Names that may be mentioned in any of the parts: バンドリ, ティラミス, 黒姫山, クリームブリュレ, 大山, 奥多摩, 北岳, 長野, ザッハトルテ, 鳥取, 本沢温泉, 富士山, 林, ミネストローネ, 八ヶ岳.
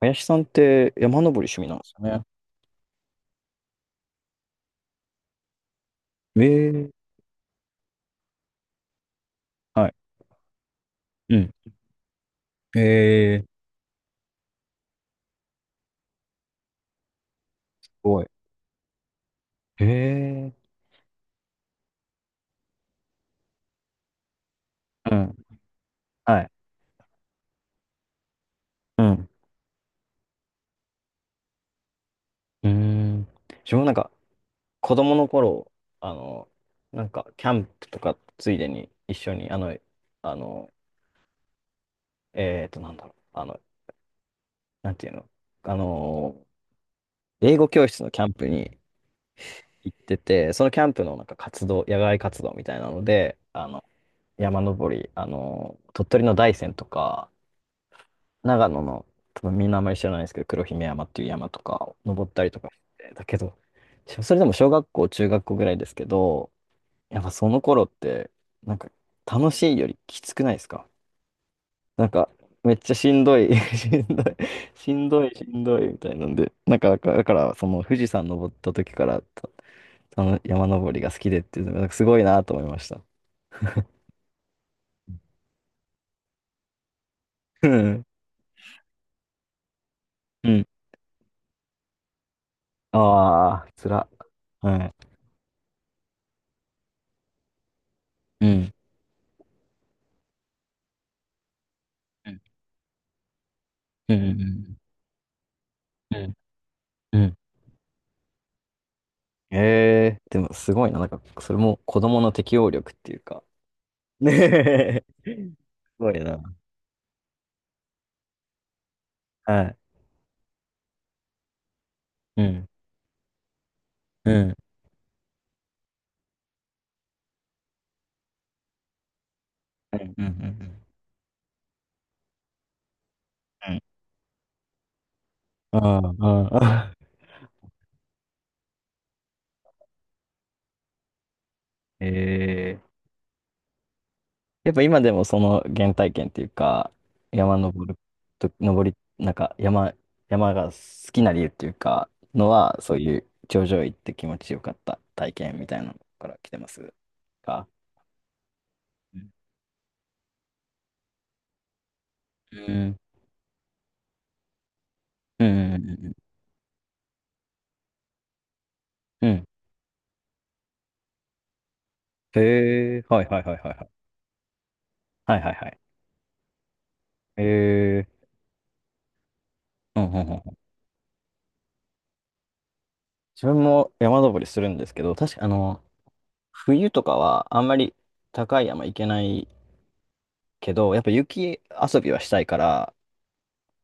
林さんって山登り趣味なんですよね。ええ。はい。うん。ええ、すごい。ええ。うん。はい。うん。うーん。自分もなんか、子供の頃、あの、なんか、キャンプとか、ついでに一緒に、あの、なんだろう、なんていうの、あの、英語教室のキャンプに行ってて、そのキャンプのなんか活動、野外活動みたいなので、山登り、鳥取の大山とか、長野の、多分みんなあんまり知らないですけど、黒姫山っていう山とか登ったりとかして、だけど、それでも小学校、中学校ぐらいですけど、やっぱその頃って、なんか楽しいよりきつくないですか？なんか、めっちゃしんどい、しんどい、しんどい、しんどいみたいなんで、なんか、だから、その富士山登った時からの山登りが好きでっていうのが、なんかすごいなと思いました。うん。うん。ああ、つら。はい。うん。うん。うん。うん。うん。うん。ええ、でもすごいな。なんか、それも子供の適応力っていうか。ねえ、すごいな。はい。うん。うん。うん。うん。うん。うん。ああ、ああ。ええ、やっぱ今でもその原体験っていうか、山登ると、登り、なんか山が好きな理由っていうか、のは、そういう頂上行って気持ちよかった体験みたいなのから来てますか？うん。うん。うん。うん。うん。うん。へえ、はいはいはいはいはい。はいはいはい。えー。うんうんうんうん。自分も山登りするんですけど、確か冬とかはあんまり高い山行けないけど、やっぱ雪遊びはしたいから、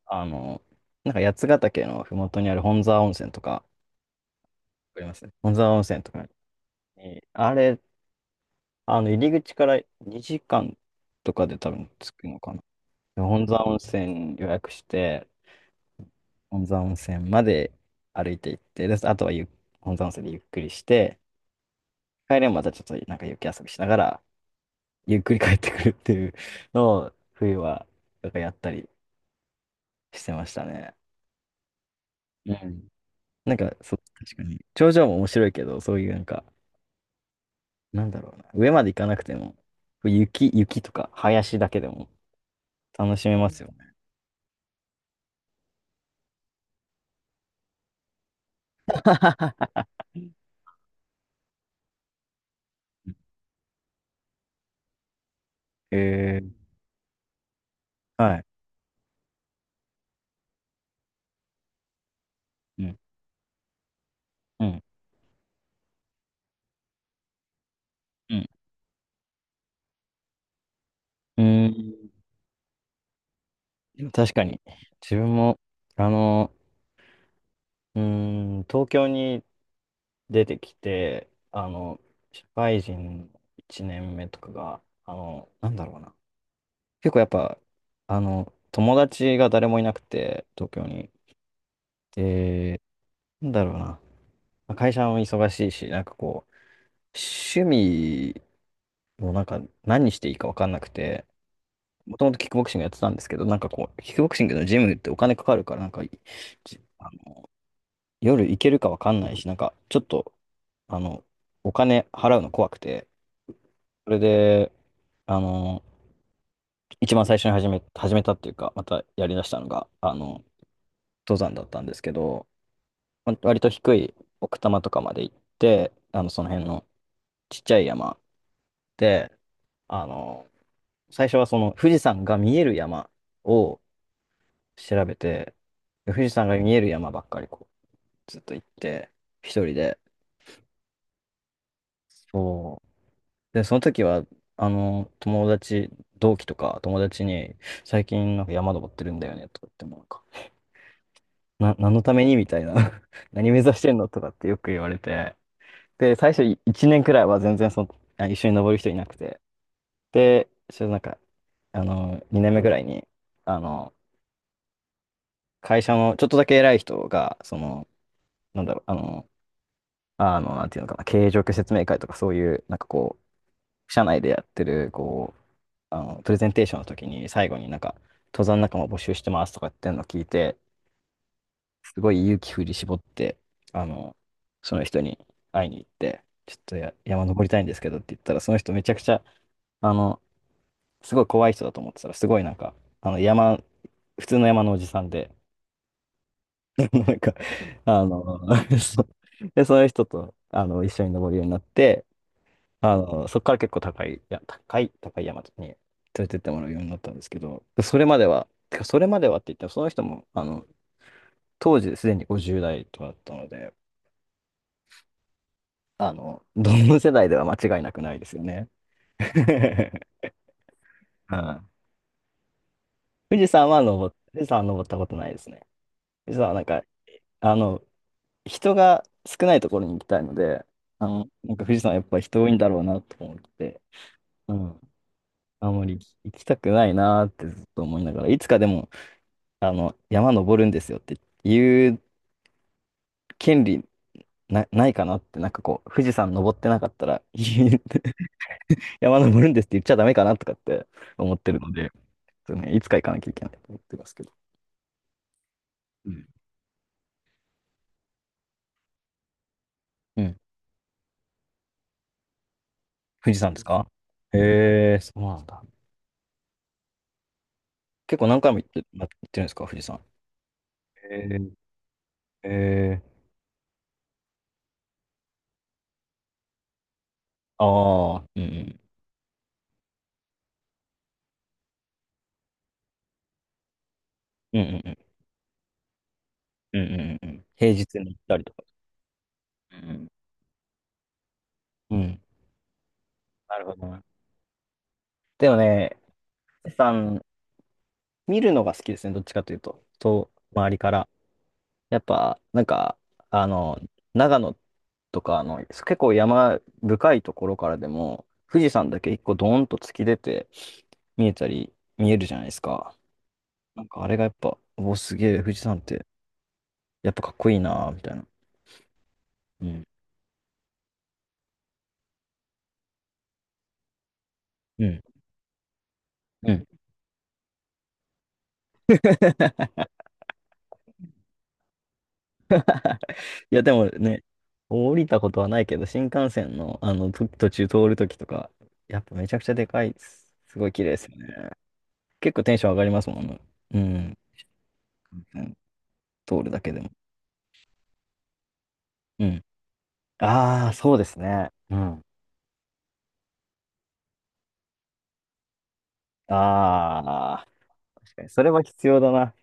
あの、なんか八ヶ岳のふもとにある本沢温泉とか、わかりますね。本沢温泉とかに、あれ、入り口から2時間とかで多分着くのかな。で本沢温泉予約して、本沢温泉まで歩いて行って、で、あとは本沢温泉でゆっくりして、帰れんまたちょっとなんか雪遊びしながら、ゆっくり帰ってくるっていうのを、冬は、なんかやったりしてましたね。うん。なんか、そう、確かに。頂上も面白いけど、そういうなんか、なんだろうな。上まで行かなくても、雪とか林だけでも楽しめますよ。えー。はい。うん、うん、うん。うーん。でも確かに、自分も、あの、うーん、東京に出てきて、社会人1年目とかが、なんだろうな。結構やっぱ、友達が誰もいなくて、東京に。で、なんだろうな。まあ会社も忙しいし、なんかこう、趣味もなんか何していいか分かんなくて、もともとキックボクシングやってたんですけど、なんかこう、キックボクシングのジムってお金かかるから、なんか、じあの夜行けるか分かんないし、なんか、ちょっと、あの、お金払うの怖くて、それで、あの、一番最初に始めたっていうか、またやりだしたのが、登山だったんですけど、ま割と低い奥多摩とかまで行って、その辺のちっちゃい山で、あの、最初はその富士山が見える山を調べて、で富士山が見える山ばっかりこう、ずっと行って、一人で。そう。で、その時は、あの、友達、同期とか友達に、最近なんか山登ってるんだよね、とか言ってもなんか、何のためにみたいな、 何目指してんのとかってよく言われて。で、最初1年くらいは全然その、一緒に登る人いなくて。で、ちょっとなんか、2年目くらいに、あの、会社のちょっとだけ偉い人が、その、なんだろう、なんていうのかな、経営状況説明会とかそういう、なんかこう、社内でやってる、こう、プレゼンテーションの時に最後になんか、登山仲間募集してますとか言ってんの聞いて、すごい勇気振り絞って、あの、その人に会いに行って、ちょっと山登りたいんですけどって言ったら、その人めちゃくちゃ、あの、すごい怖い人だと思ってたら、すごいなんか、あの、山、普通の山のおじさんで、なんか、あの、そうで、その人と、一緒に登るようになって、そこから結構高い、いや、高い、高い山に連れてってもらうようになったんですけど、それまでは、てかそれまではって言っても、その人も、当時すでに50代とかだったので、どの世代では間違いなくないですよね。うん。富士山は登ったことないですね。富士山はなんか、あの、人が少ないところに行きたいので、なんか富士山はやっぱ人多いんだろうなと思って、うん。あんまり行きたくないなってずっと思いながら、いつかでも、山登るんですよって言う権利ないかなって、なんかこう、富士山登ってなかったら言う、 山登るんですって言っちゃダメかなとかって思ってるので、そうね、いつか行かなきゃいけないと思ってますけど。うん。うん。富士山ですか？へえ、そうなんだ。結構何回も行って行ってるんですか、富士山？へえ、へえ、ああ、うんうん。うんうんうん。うんうんうんうん。平日に行ったりとか。うん。うん。うん。なるほどな。でもね、富士山、見るのが好きですね、どっちかというと。と、周りから。やっぱ、なんか、あの、長野とか、結構山深いところからでも、富士山だけ一個ドーンと突き出て、見えるじゃないですか。なんかあれがやっぱ、おお、すげえ、富士山って、やっぱかっこいいなーみたいな。うん。うん。うん。いや、でもね、降りたことはないけど、新幹線の、途中通るときとか、やっぱめちゃくちゃでかいです。すごい綺麗ですよね。結構テンション上がりますもんね。うん。うん。通るだけでも。うん。ああ、そうですね。うん。ああ、確かに、それは必要だな。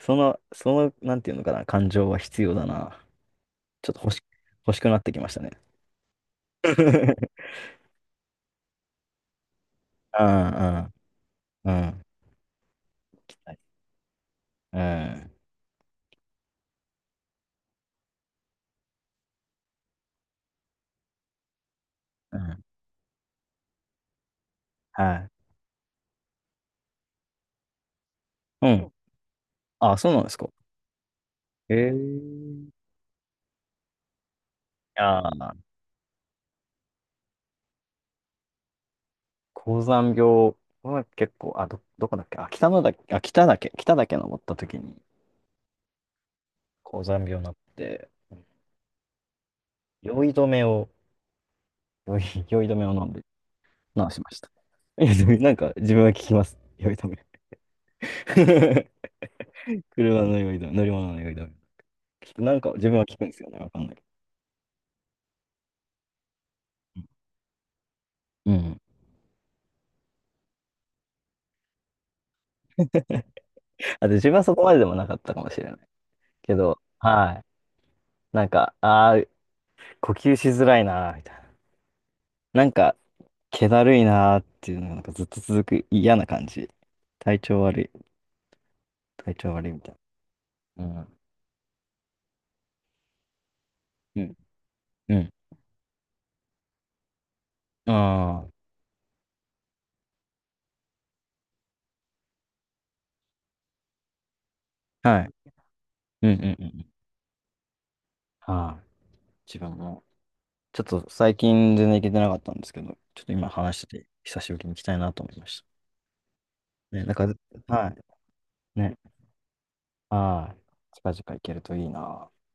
その、なんていうのかな、感情は必要だな。ちょっと欲しくなってきましたね。うんうんうん。期待。うん。うん。はい。うん。あ、そうなんですか？へえ。ああ、高山病、の結構、どこだっけ、北岳、登った時に高山病になって、酔い止めを、酔い止めを飲んで治しました。いやでもなんか自分は聞きます。酔い止め。車の酔い止め、乗り物の酔い止め。なんか自分は聞くんですよね。わかんないけど。うん。あと自分はそこまででもなかったかもしれない。けど、はい。なんか、ああ、呼吸しづらいなーみたいな。なんか、気だるいなーっていうのがなんかずっと続く嫌な感じ。体調悪い、体調悪いみたいな。うん。うん。うん。ああ、はい。うんうんうんうん。はい。自分も、ちょっと最近全然行けてなかったんですけど、ちょっと今話してて、久しぶりに行きたいなと思いました。ね、なんか、はい。ね。はい。近々行けるといいなー。